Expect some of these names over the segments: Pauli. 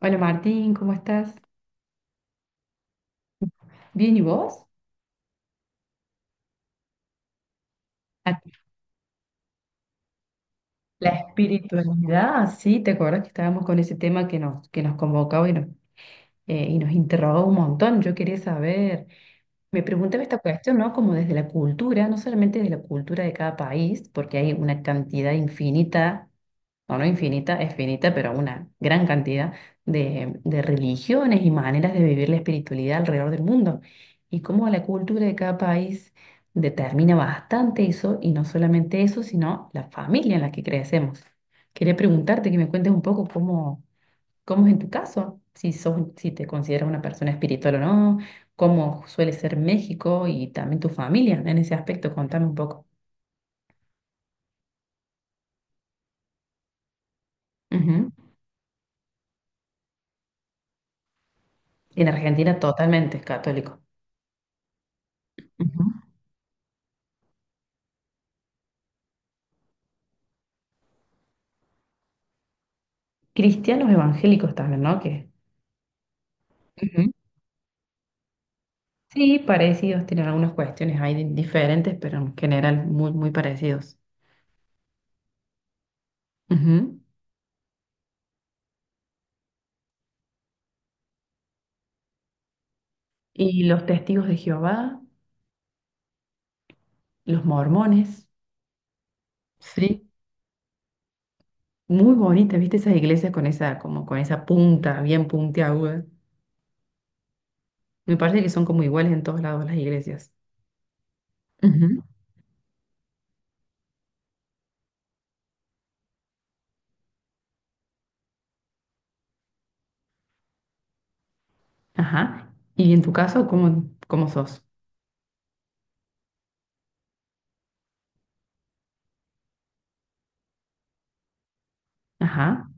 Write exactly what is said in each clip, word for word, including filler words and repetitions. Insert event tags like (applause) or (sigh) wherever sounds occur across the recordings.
Hola Martín, ¿cómo estás? Bien, ¿y vos? Ah, la espiritualidad, sí, ¿te acuerdas que estábamos con ese tema que nos, que nos convocaba y nos, eh, y nos interrogó un montón? Yo quería saber, me preguntaba esta cuestión, ¿no? Como desde la cultura, no solamente desde la cultura de cada país, porque hay una cantidad infinita no, no infinita, es finita, pero una gran cantidad de, de religiones y maneras de vivir la espiritualidad alrededor del mundo. Y cómo la cultura de cada país determina bastante eso, y no solamente eso, sino la familia en la que crecemos. Quería preguntarte que me cuentes un poco cómo, cómo es en tu caso, si sos, si te consideras una persona espiritual o no, cómo suele ser México y también tu familia en ese aspecto. Contame un poco. Ujú. En Argentina totalmente es católico. Cristianos evangélicos también, ¿no? Que Ujú. Sí, parecidos, tienen algunas cuestiones ahí di- diferentes, pero en general muy, muy parecidos. Ujú. Y los testigos de Jehová, los mormones, sí. Muy bonitas, ¿viste? Esas iglesias con esa, como con esa punta, bien puntiaguda. Me parece que son como iguales en todos lados las iglesias. Ujú. Ajá. ¿Y en tu caso, cómo, cómo sos? Ajá.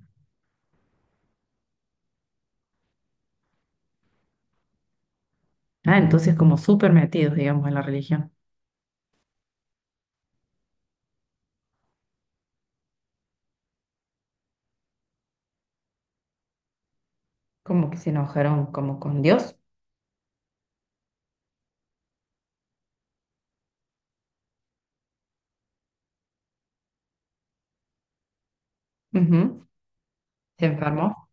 Ah, entonces como súper metidos, digamos, en la religión. Como que se enojaron como con Dios. Se enfermó.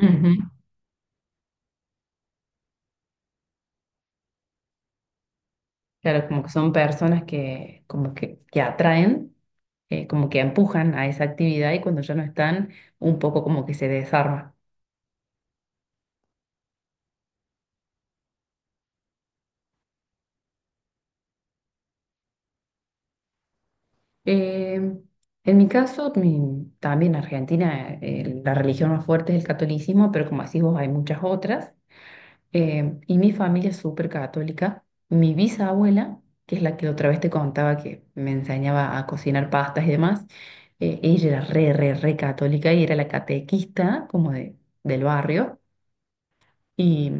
Ujú. Claro, como que son personas que, como que, que atraen, eh, como que empujan a esa actividad y cuando ya no están, un poco como que se desarma. Eh, en mi caso, mi- también en Argentina, eh, la religión más fuerte es el catolicismo, pero como así vos, hay muchas otras. Eh, y mi familia es súper católica. Mi bisabuela, que es la que otra vez te contaba que me enseñaba a cocinar pastas y demás, eh, ella era re, re, re católica y era la catequista como de, del barrio. Y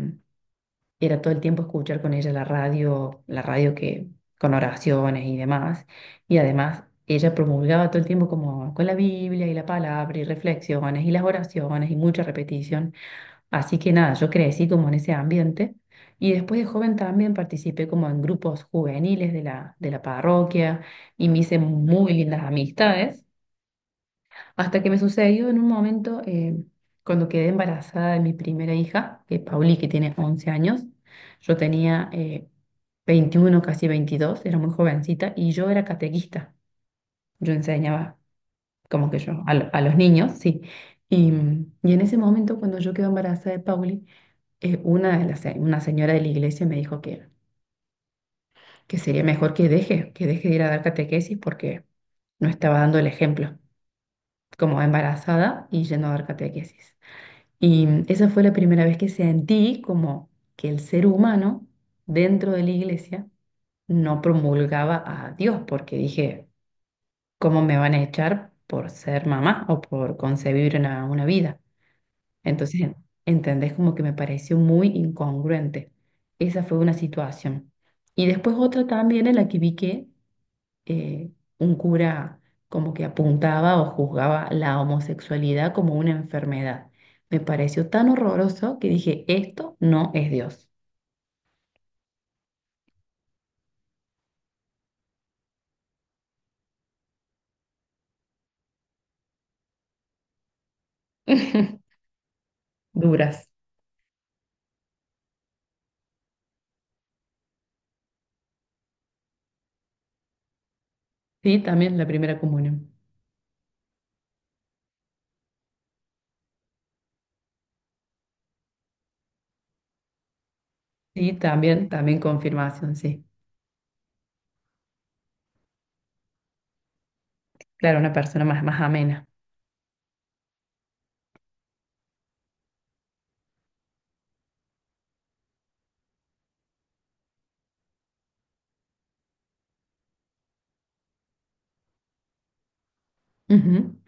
era todo el tiempo escuchar con ella la radio, la radio que con oraciones y demás. Y además ella promulgaba todo el tiempo como con la Biblia y la palabra y reflexiones y las oraciones y mucha repetición. Así que nada, yo crecí como en ese ambiente y después de joven también participé como en grupos juveniles de la, de la parroquia y me hice muy lindas amistades, hasta que me sucedió en un momento eh, cuando quedé embarazada de mi primera hija, que es Pauli, que tiene once años, yo tenía eh, veintiún, casi veintidós, era muy jovencita y yo era catequista, yo enseñaba como que yo, a, lo- a los niños, sí. Y, y en ese momento, cuando yo quedé embarazada de Pauli, eh, una, de las se- una señora de la iglesia me dijo que, que sería mejor que deje, que deje de ir a dar catequesis porque no estaba dando el ejemplo, como embarazada y yendo a dar catequesis. Y mm, esa fue la primera vez que sentí como que el ser humano dentro de la iglesia no promulgaba a Dios, porque dije, ¿cómo me van a echar por ser mamá o por concebir una, una vida? Entonces, en- entendés como que me pareció muy incongruente. Esa fue una situación. Y después otra también en la que vi que eh, un cura como que apuntaba o juzgaba la homosexualidad como una enfermedad. Me pareció tan horroroso que dije, esto no es Dios. (laughs) Duras. Sí, también la primera comunión. Sí, también, también confirmación, sí. Claro, una persona más, más amena. Ujú.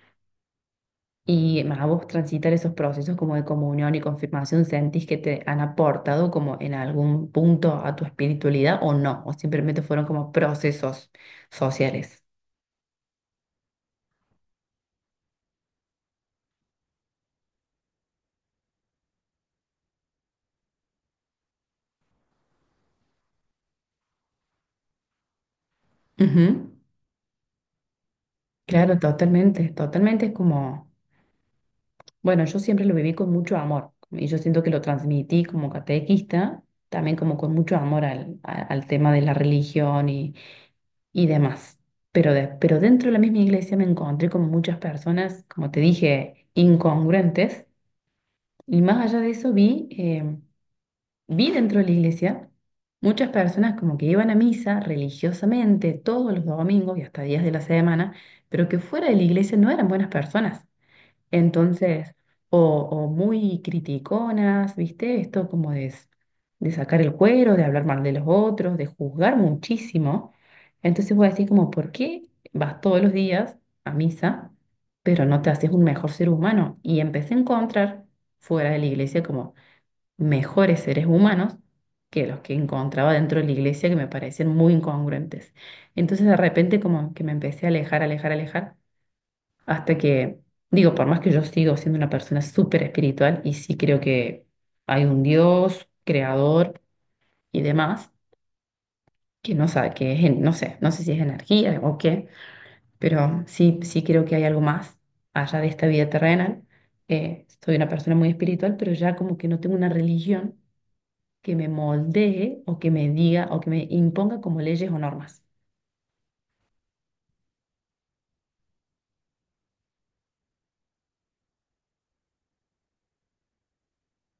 Y a vos transitar esos procesos como de comunión y confirmación, ¿sentís que te han aportado como en algún punto a tu espiritualidad o no? ¿O simplemente fueron como procesos sociales? Ujú. Claro, totalmente, totalmente. Es como, bueno, yo siempre lo viví con mucho amor y yo siento que lo transmití como catequista, también como con mucho amor al, a- al tema de la religión y, y demás. Pero, de- pero dentro de la misma iglesia me encontré con muchas personas, como te dije, incongruentes. Y más allá de eso vi, eh, vi dentro de la iglesia muchas personas como que iban a misa religiosamente todos los domingos y hasta días de la semana, pero que fuera de la iglesia no eran buenas personas. Entonces, o, o muy criticonas, ¿viste? Esto como de, s- de sacar el cuero, de hablar mal de los otros, de juzgar muchísimo. Entonces voy a decir como, ¿por qué vas todos los días a misa, pero no te haces un mejor ser humano? Y empecé a encontrar fuera de la iglesia como mejores seres humanos que los que encontraba dentro de la iglesia que me parecían muy incongruentes. Entonces de repente como que me empecé a alejar, alejar, alejar. Hasta que, digo, por más que yo sigo siendo una persona súper espiritual y sí creo que hay un Dios, creador y demás, que no sabe, que es, en- no sé, no sé si es energía o qué, pero sí, sí creo que hay algo más allá de esta vida terrenal. Eh, soy una persona muy espiritual, pero ya como que no tengo una religión que me moldee o que me diga o que me imponga como leyes o normas.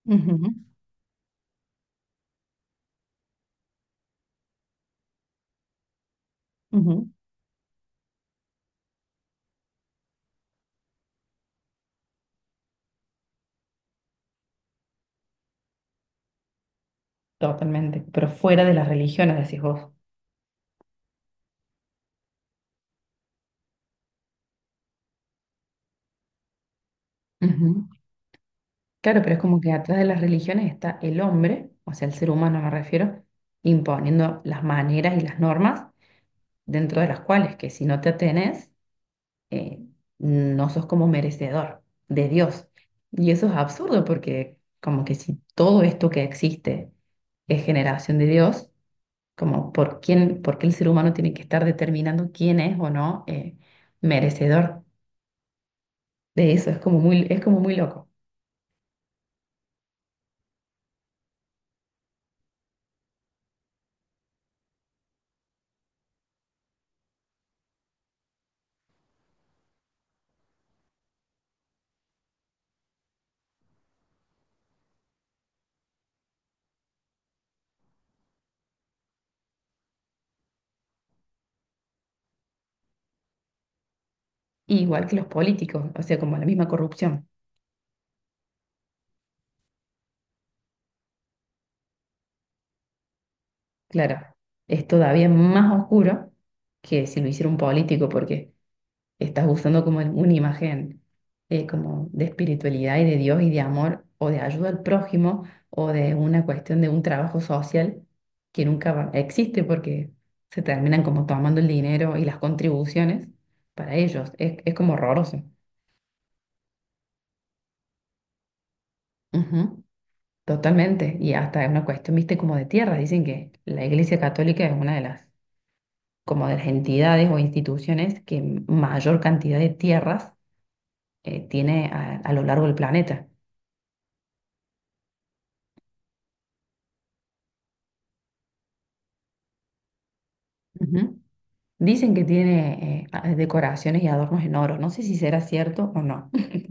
Ujú, ujú, totalmente, pero fuera de las religiones, decís vos. Ujú. Claro, pero es como que atrás de las religiones está el hombre, o sea, el ser humano me refiero, imponiendo las maneras y las normas dentro de las cuales que si no te atenes, eh, no sos como merecedor de Dios. Y eso es absurdo porque como que si todo esto que existe es generación de Dios, como por quién, por qué el ser humano tiene que estar determinando quién es o no eh, merecedor de eso, es como muy, es como muy loco. Igual que los políticos, o sea, como la misma corrupción. Claro, es todavía más oscuro que si lo hiciera un político, porque estás usando como el- una imagen eh, como de espiritualidad y de Dios y de amor o de ayuda al prójimo o de una cuestión de un trabajo social que nunca va- existe porque se terminan como tomando el dinero y las contribuciones para ellos. Es, es como horroroso. Ujú, totalmente. Y hasta es una cuestión, viste, como de tierra. Dicen que la Iglesia Católica es una de las como de las entidades o instituciones que mayor cantidad de tierras eh, tiene a, a lo largo del planeta. Ujú. Dicen que tiene eh, a- decoraciones y adornos en oro. No sé si será cierto o no, (laughs)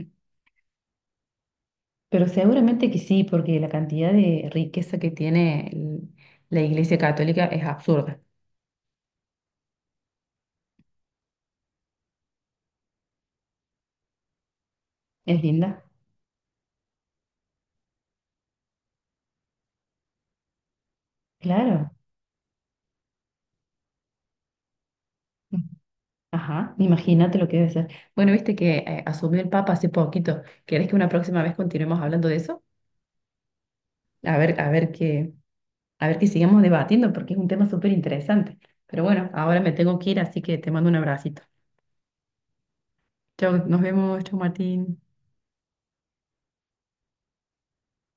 pero seguramente que sí, porque la cantidad de riqueza que tiene el- la Iglesia Católica es absurda. Es linda, claro. Ajá, imagínate lo que debe ser. Bueno, viste que eh, asumió el Papa hace poquito. ¿Querés que una próxima vez continuemos hablando de eso? A ver, a ver qué, a ver que sigamos debatiendo porque es un tema súper interesante. Pero bueno, ahora me tengo que ir, así que te mando un abracito. Chao, nos vemos, chao Martín.